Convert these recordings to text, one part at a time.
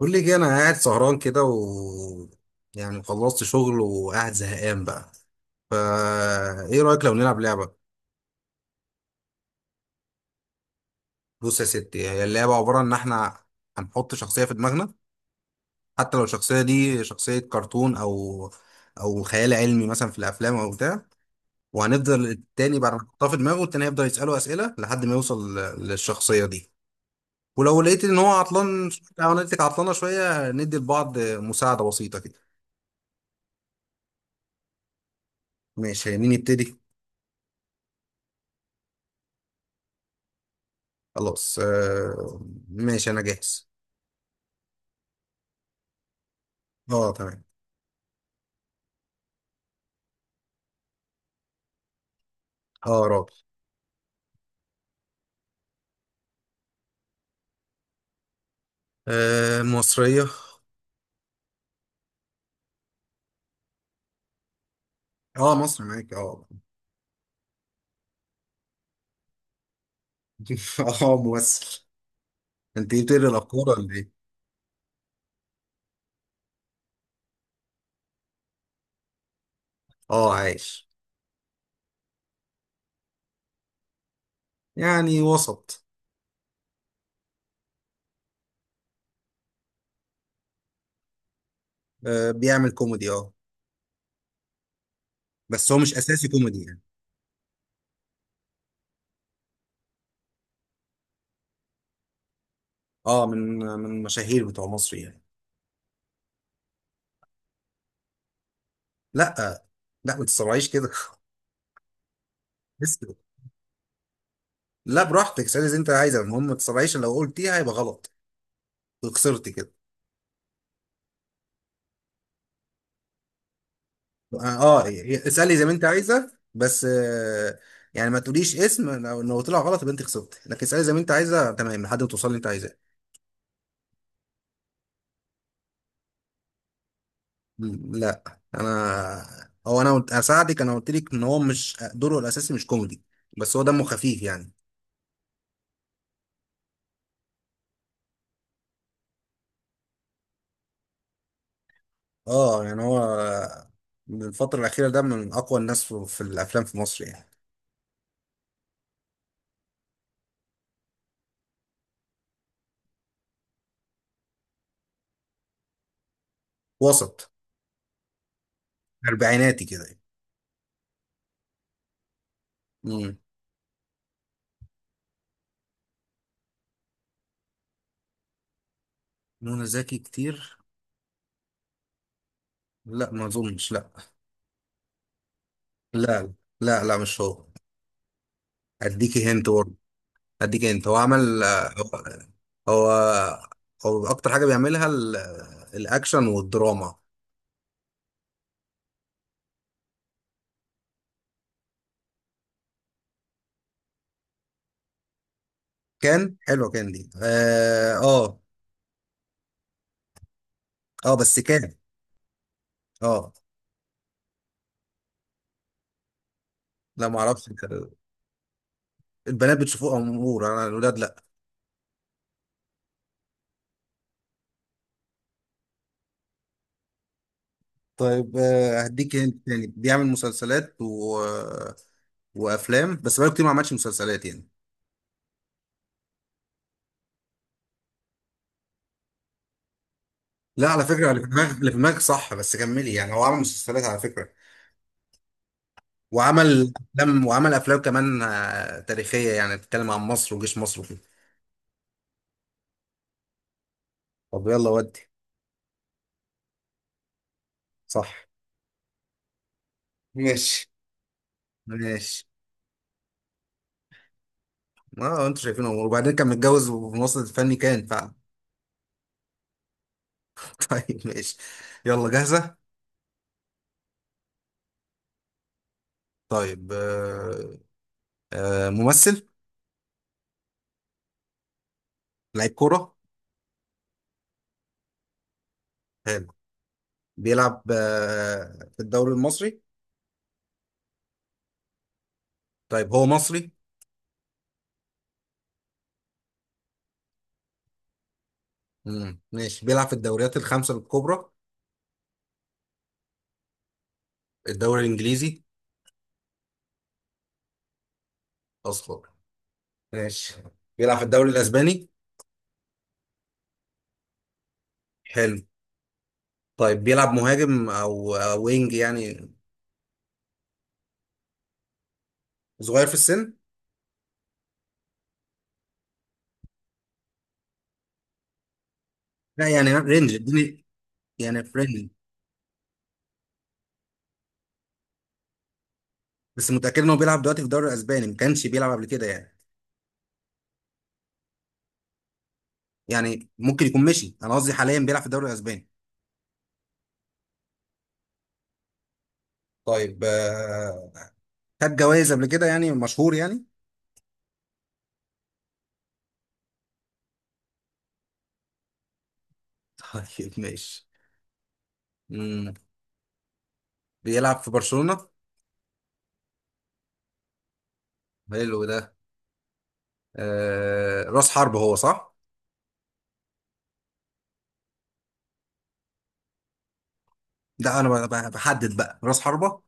بقول لك إيه، انا قاعد سهران كده و يعني خلصت شغل وقاعد زهقان بقى. فا ايه رايك لو نلعب لعبه؟ بص يا ستي، هي اللعبه عباره ان احنا هنحط شخصيه في دماغنا، حتى لو الشخصيه دي شخصيه كرتون او خيال علمي مثلا في الافلام او بتاع. وهنفضل التاني بعد ما نحطها في دماغه، التاني هيفضل يساله اسئله لحد ما يوصل للشخصيه دي. ولو لقيت ان هو عطلان شوية او انا لقيتك عطلانه شويه، ندي لبعض مساعده بسيطه كده. ماشي، مين يبتدي؟ خلاص آه. ماشي انا جاهز. اه تمام. اه راجل. آه مصرية. اه مصري معاك اه. اه ممثل. انت إيه، بتقري الافكار ولا ايه؟ اه عايش. يعني وسط. آه بيعمل كوميدي اه. بس هو مش اساسي كوميدي يعني. اه، من المشاهير بتوع مصر يعني. لا، لا ما تسرعيش كده. اسكت. لا براحتك اسألي زي انت عايزه، المهم ما تسرعيش، لو قلتيها هيبقى غلط. خسرتي كده. اه، اسألي زي ما انت عايزة بس، آه، يعني ما تقوليش اسم، لو طلع غلط يبقى انت خسرت. لكن اسألي زي ما انت عايزة تمام، لحد ما توصلي اللي انت عايزاه. لا. انا هو انا قلت- هساعدك. انا قلت لك ان هو مش دوره الاساسي، مش كوميدي، بس هو دمه خفيف يعني. اه، يعني هو من الفترة الأخيرة ده من أقوى الناس في الأفلام في مصر يعني. وسط، أربعيناتي كده يعني. مم. منى زكي كتير. لا ما أظنش، لا. لا لا لا، مش هو. أديكي هنت. هديك انت، هو عمل. هو هو هو اكتر حاجه بيعملها الاكشن والدراما. كان حلوه، كان دي اه اه. آه، بس كان. اه. لا ما اعرفش، البنات بتشوفوه امور، انا الولاد لا. طيب آه، هديك انت تاني بيعمل مسلسلات و... وافلام، بس بقاله كتير ما عملش مسلسلات يعني. لا، على فكره اللي في دماغك، صح، بس كملي، يعني هو عمل مسلسلات على فكره، وعمل افلام، كمان آه، تاريخيه يعني، بتتكلم عن مصر وجيش مصر. طب يلا ودي. صح. ماشي. ماشي، ما انتوا شايفين امور، وبعدين كان متجوز وفي مصر الفني كان فعلا. طيب ماشي، يلا جاهزة. طيب آه. آه ممثل. لعيب كورة. حلو. بيلعب آه في الدوري المصري؟ طيب هو مصري؟ مم. ماشي، بيلعب في الدوريات الخمسة الكبرى. الدوري الإنجليزي؟ أصلا. ماشي، بيلعب في الدوري الأسباني. حلو. طيب بيلعب مهاجم أو وينج يعني. صغير في السن. لا يعني، رينج اديني، يعني فريندلي. بس متأكد ان هو بيلعب دلوقتي في الدوري الاسباني، ما كانش بيلعب قبل كده يعني. يعني ممكن يكون مشي، انا قصدي حاليا بيلعب في الدوري الاسباني. طيب آه، خد جوائز قبل كده يعني، مشهور يعني. طيب ماشي. مم. بيلعب في برشلونة. حلو ده. آه، راس حربة هو، صح؟ ده انا بحدد بقى راس حربة.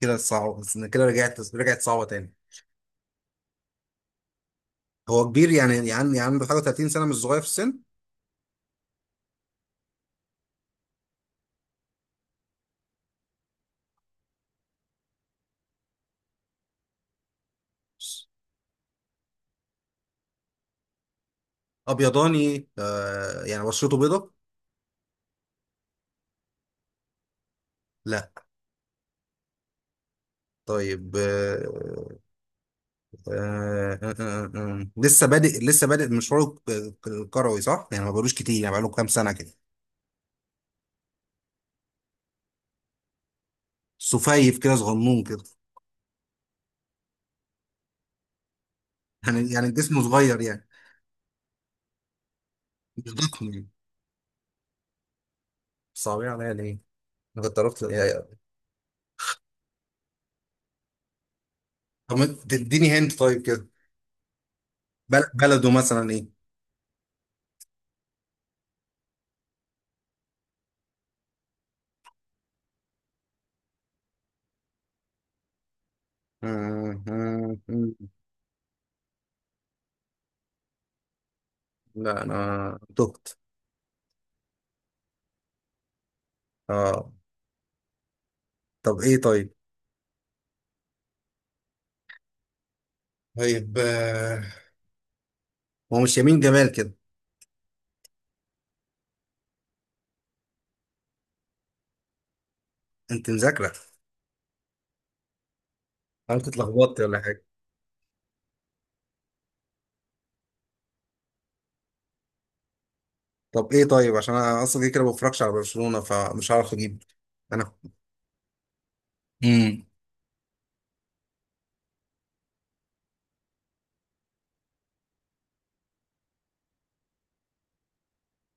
كده صعب. كده رجعت صعبة تاني. هو كبير يعني، يعني عنده حاجة 30 سنة، مش صغير في السن. ابيضاني آه، يعني بشرته بيضة. لا. طيب لسه بادئ مشواره الكروي، صح؟ يعني ما بقالوش كتير يعني، بقاله كام سنة كده. سفيف كده، صغنون كده. يعني جسمه صغير يعني، مش ضخم يعني. صعبين عليا ليه؟ انا كنت عرفت يعني. طب ما تديني هند طيب كده. بلده مثلا ايه؟ آه. لا انا تهت. اه. طب ايه طيب؟ طيب آه، هو مش يمين جمال كده. انت مذاكرة. انا كنت اتلخبطت ولا حاجة. طب ايه طيب، عشان انا اصلا كده كده ما بفرجش على برشلونة، فمش هعرف اجيب. انا. امم.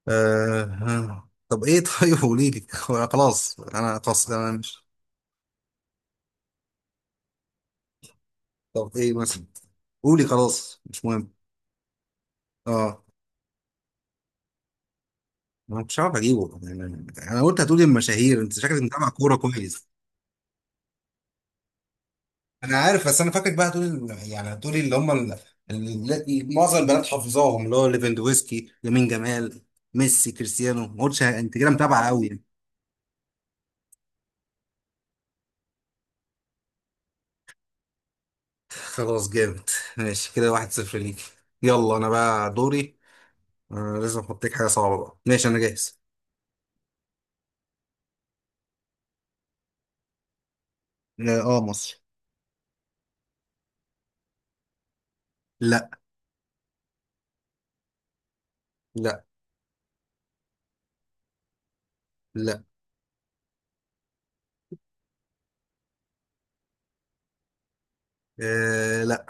طب ايه طيب؟ قولي لي. خلاص، انا خلاص انا مش. طب ايه مثلا؟ قولي، خلاص مش مهم. اه. ما كنتش عارف اجيبه يعني. انا قلت هتقولي المشاهير، انت شكلك متابع كوره كويس. انا عارف، بس انا فاكرك بقى هتقولي يعني هتقولي اللي هم معظم البنات حافظاهم، اللي هو ليفاندوفسكي، يمين جمال، ميسي، كريستيانو. ما قلتش. انت كده متابع قوي. خلاص جامد. ماشي كده، واحد صفر ليك. يلا انا بقى دوري. آه، لازم احط لك حاجه صعبه بقى. ماشي، انا جاهز. اه. آه مصر. لا. لا. لا. آه لا.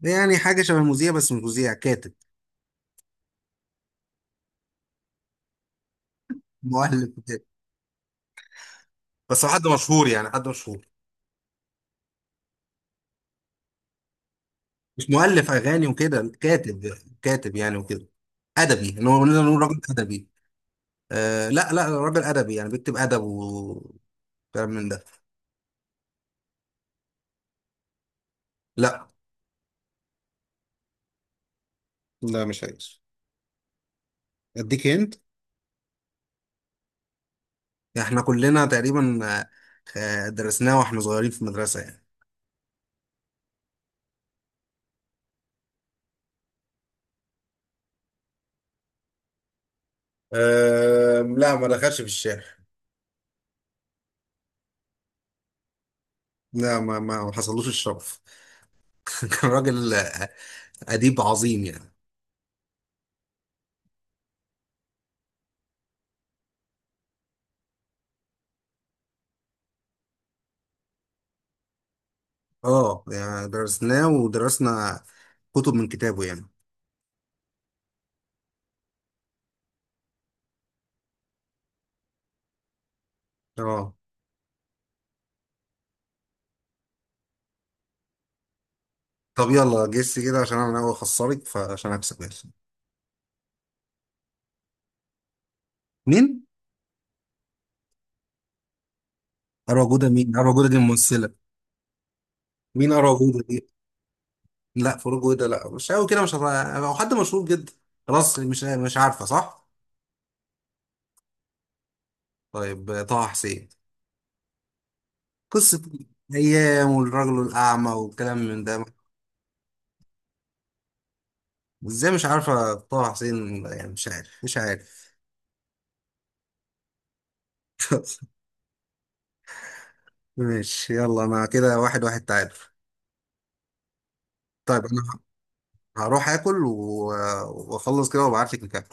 يعني حاجه شبه مذيع، بس مش مذيع، كاتب. مؤلف وكده. بس هو حد مشهور يعني، حد مشهور. مش مؤلف اغاني وكده، كاتب. كاتب يعني وكده. ادبي، ان هو نقدر نقول راجل ادبي. آه لا لا، راجل ادبي يعني، بيكتب ادب وكلام من ده. لا. لا مش عايز. اديك هنت، يعني احنا كلنا تقريبا آه، آه، درسناه واحنا صغيرين في المدرسة يعني. أه لا، ما دخلش في الشارع. لا ما حصلوش الشرف. كان راجل آه، أديب عظيم يعني. اه، يعني درسناه ودرسنا كتب من كتابه يعني. اه. طب يلا جس كده، عشان انا ناوي اخسرك فعشان اكسب، يلا. مين؟ أروى جودة مين؟ أروى جودة دي ممثلة. مين أروى جودة دي؟ لا فاروق جودة، لا مش قوي كده، مش هت- هو حد مشهور جدا. خلاص، مش عارفة، صح؟ طيب، طه حسين، قصة أيام والرجل الأعمى والكلام من ده. إزاي مش عارفة طه حسين يعني، مش عارف مش عارف. ماشي يلا. أنا كده واحد واحد، تعادل. طيب أنا هروح آكل وأخلص كده وأبعتلك نكمل.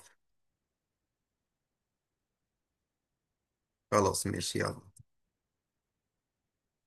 خلاص ماشي يلا.